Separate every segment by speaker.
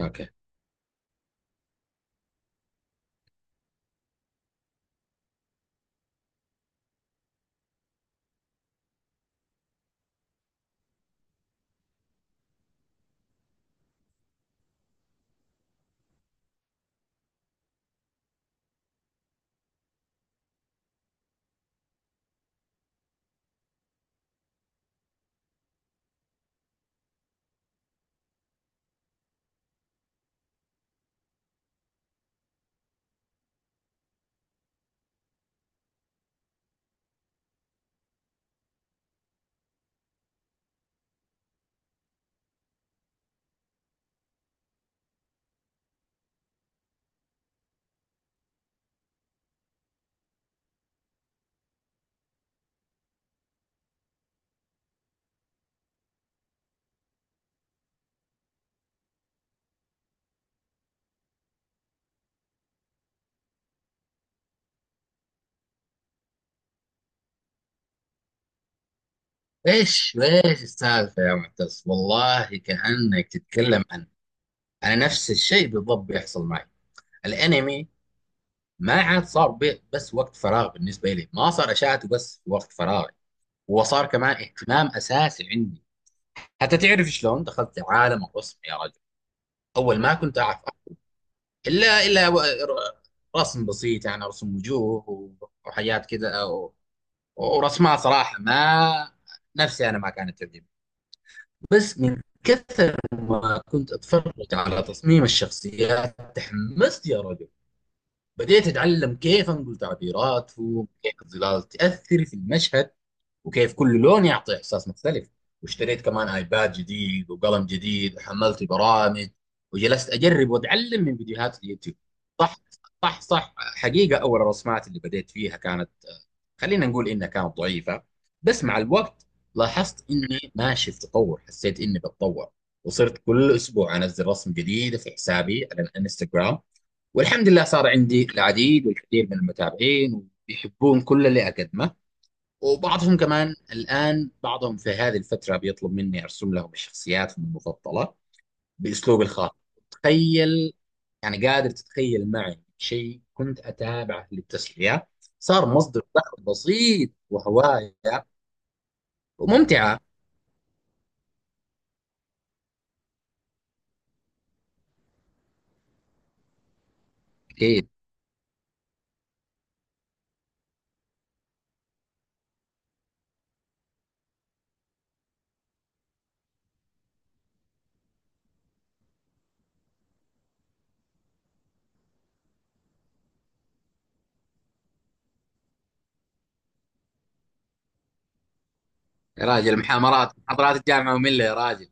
Speaker 1: اوكي. ايش السالفه يا معتز، والله كانك تتكلم عن انا. نفس الشيء بالضبط بيحصل معي، الانمي ما عاد صار بس وقت فراغ بالنسبه لي، ما صار اشاهده بس وقت فراغي، هو صار كمان اهتمام اساسي عندي. حتى تعرف شلون دخلت عالم الرسم يا رجل، اول ما كنت اعرف الا الا و- ر- رسم بسيط، يعني رسم وجوه وحاجات كذا ورسمات صراحه ما نفسي انا ما كانت تعجبني. بس من كثر ما كنت أتفرج على تصميم الشخصيات تحمست يا رجل، بديت أتعلم كيف أنقل تعبيراتهم، كيف الظلال تأثر في المشهد، وكيف كل لون يعطي احساس مختلف. واشتريت كمان ايباد جديد وقلم جديد وحملت برامج، وجلست اجرب واتعلم من فيديوهات اليوتيوب. صح، صح، صح، حقيقه اول الرسمات اللي بديت فيها كانت، خلينا نقول انها كانت ضعيفه، بس مع الوقت لاحظت اني ماشي في تطور، حسيت اني بتطور، وصرت كل اسبوع انزل رسم جديده في حسابي على الانستغرام. والحمد لله صار عندي العديد والكثير من المتابعين ويحبون كل اللي اقدمه، وبعضهم كمان الآن، بعضهم في هذه الفترة بيطلب مني أرسم لهم شخصياتهم المفضلة بأسلوبي الخاص. تخيل، يعني قادر تتخيل معي شيء كنت أتابعه للتسلية صار مصدر دخل بسيط وهواية وممتعة. أكيد. يا راجل، محاضرات الجامعة مملة يا راجل.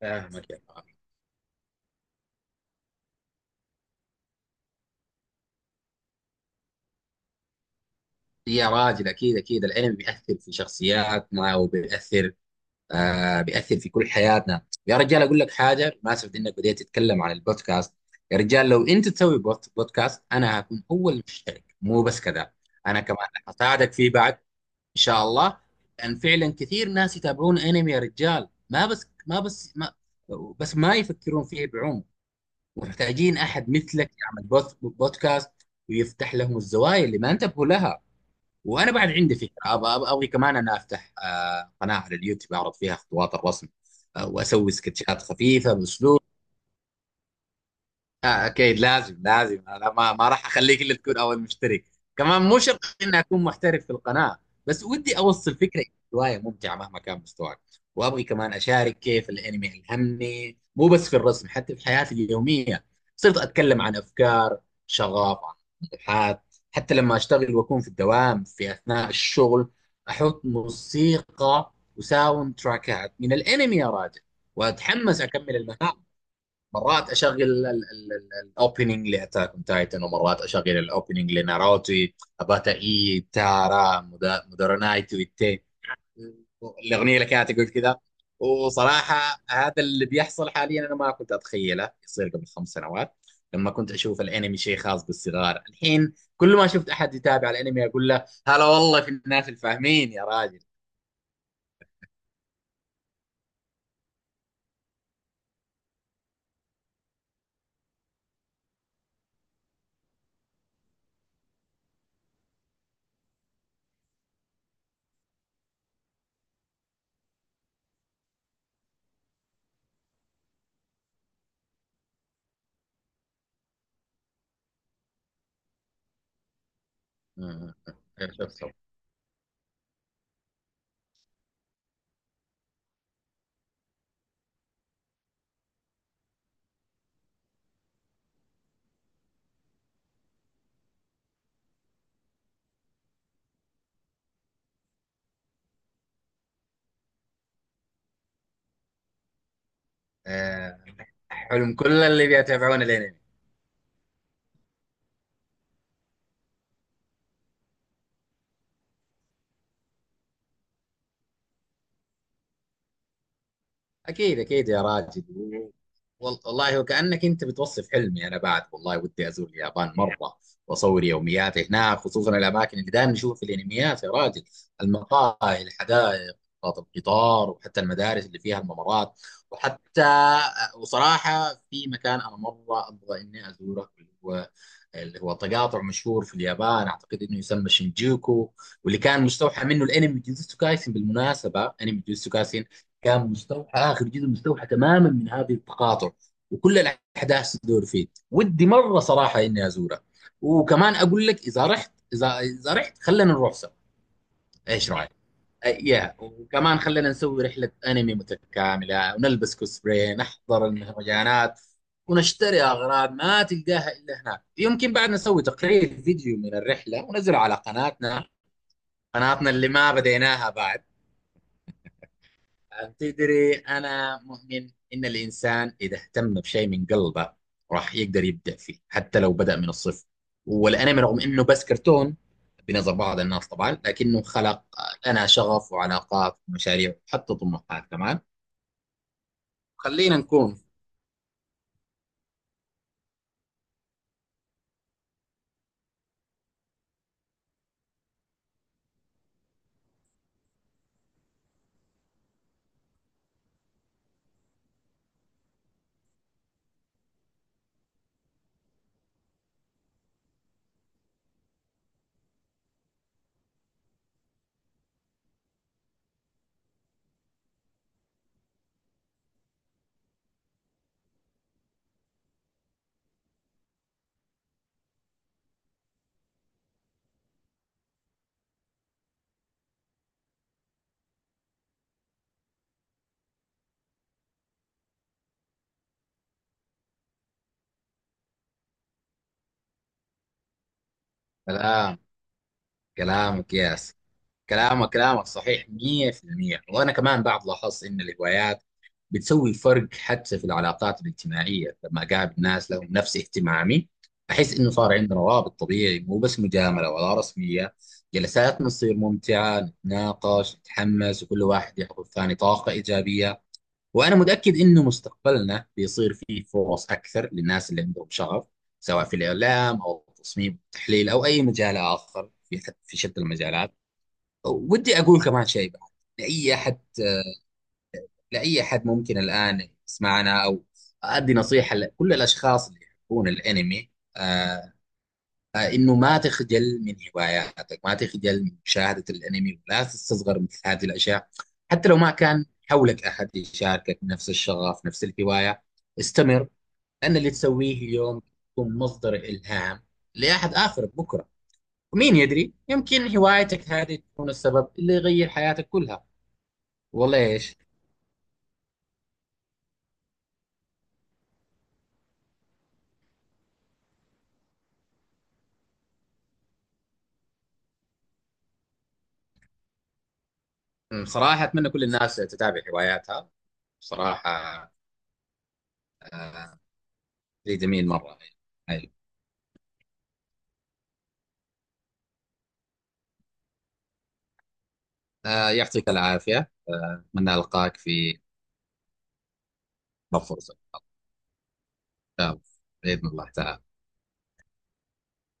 Speaker 1: فاهمك يا راجل. يا راجل أكيد أكيد، العلم بيأثر في شخصياتنا وبيأثر، آه بيأثر في كل حياتنا يا رجال. أقول لك حاجة بمناسبة إنك بديت تتكلم عن البودكاست، يا رجال لو أنت تسوي بودكاست أنا هكون هو المشترك، مو بس كذا، أنا كمان هساعدك فيه بعد. إن شاء الله. لأن فعلا كثير ناس يتابعون أنمي يا رجال، ما يفكرون فيه بعمق، ومحتاجين أحد مثلك يعمل بودكاست ويفتح لهم الزوايا اللي ما انتبهوا لها. وانا بعد عندي فكره، ابغي كمان انا افتح قناه على اليوتيوب اعرض فيها خطوات الرسم، واسوي سكتشات خفيفه باسلوب. اكيد لازم، لازم انا ما راح اخليك الا تكون اول مشترك. كمان مو شرط اني اكون محترف في القناه، بس ودي اوصل فكره، هوايه ممتعه مهما كان مستواك. وابغي كمان اشارك كيف الانمي الهمني، مو بس في الرسم حتى في حياتي اليوميه. صرت اتكلم عن افكار شغاف عن الحاد. حتى لما أشتغل وأكون في الدوام في أثناء الشغل، أحط موسيقى وساوند تراكات من الأنمي يا راجل، وأتحمس أكمل المهام. مرات أشغل الأوبننج لأتاك أون تايتن، ومرات أشغل الأوبننج لناروتو، أباتا إي تارا، مدارونايتو، الاغنيه اللي كانت تقول كذا. وصراحه هذا اللي بيحصل حاليا انا ما كنت اتخيله يصير قبل 5 سنوات، لما كنت اشوف الانمي شيء خاص بالصغار. الحين كل ما شفت احد يتابع الانمي اقول له هلا والله، في الناس الفاهمين يا راجل. أمم. شفتوا. آه، حلم كل اللي بيتابعون الانمي. اكيد اكيد يا راجل، والله وكأنك انت بتوصف حلمي انا بعد. والله ودي ازور اليابان مره، واصور يومياتي هناك، خصوصا الاماكن اللي دائما نشوفها في الانميات يا راجل، المقاهي، الحدائق، محطات القطار، وحتى المدارس اللي فيها الممرات. وحتى، وصراحه في مكان انا مره ابغى اني ازوره، اللي هو، اللي هو تقاطع مشهور في اليابان اعتقد انه يسمى شينجوكو. واللي كان مستوحى منه الانمي جوجوتسو كايسن. بالمناسبه انمي جوجوتسو كايسن كان مستوحى، اخر جزء مستوحى تماما من هذه التقاطع، وكل الاحداث تدور فيه. ودي مره صراحه اني ازورها. وكمان اقول لك، اذا رحت، اذا رحت خلينا نروح سوا. ايش رايك؟ أي- يا وكمان خلينا نسوي رحله انمي متكامله، ونلبس كوسبراي، نحضر المهرجانات، ونشتري اغراض ما تلقاها الا هناك. يمكن بعد نسوي تقرير فيديو من الرحله ونزله على قناتنا. قناتنا اللي ما بديناها بعد. تدري أنا مؤمن إن الإنسان إذا اهتم بشيء من قلبه راح يقدر يبدع فيه حتى لو بدأ من الصفر. والأنمي رغم إنه بس كرتون بنظر بعض الناس طبعا، لكنه خلق لنا شغف وعلاقات ومشاريع وحتى طموحات كمان. خلينا نكون. كلام كلامك، كلامك صحيح 100%. وأنا كمان بعد لاحظت إن الهوايات بتسوي فرق حتى في العلاقات الاجتماعية. لما أقابل ناس لهم نفس اهتمامي أحس إنه صار عندنا روابط طبيعي، مو بس مجاملة ولا رسمية. جلساتنا تصير ممتعة، نتناقش، نتحمس، وكل واحد يعطي الثاني طاقة إيجابية. وأنا متأكد إنه مستقبلنا بيصير فيه فرص أكثر للناس اللي عندهم شغف، سواء في الإعلام أو التصميم والتحليل أو أي مجال آخر، في شتى المجالات. ودي اقول كمان شيء بعد، لاي احد، ممكن الان يسمعنا، او ادي نصيحه لكل الاشخاص اللي يحبون الانمي، آه انه ما تخجل من هواياتك، ما تخجل من مشاهده الانمي، ولا تستصغر مثل هذه الاشياء. حتى لو ما كان حولك احد يشاركك نفس الشغف، نفس الهوايه، استمر. لان اللي تسويه اليوم يكون مصدر الهام لاحد اخر بكره. ومين يدري، يمكن هوايتك هذه تكون السبب اللي يغير حياتك كلها. والله ايش. صراحه اتمنى كل الناس تتابع هواياتها. صراحه، آه، شيء جميل مره. حلو. يعطيك العافيه، اتمنى القاك في فرصه، باذن الله تعالى.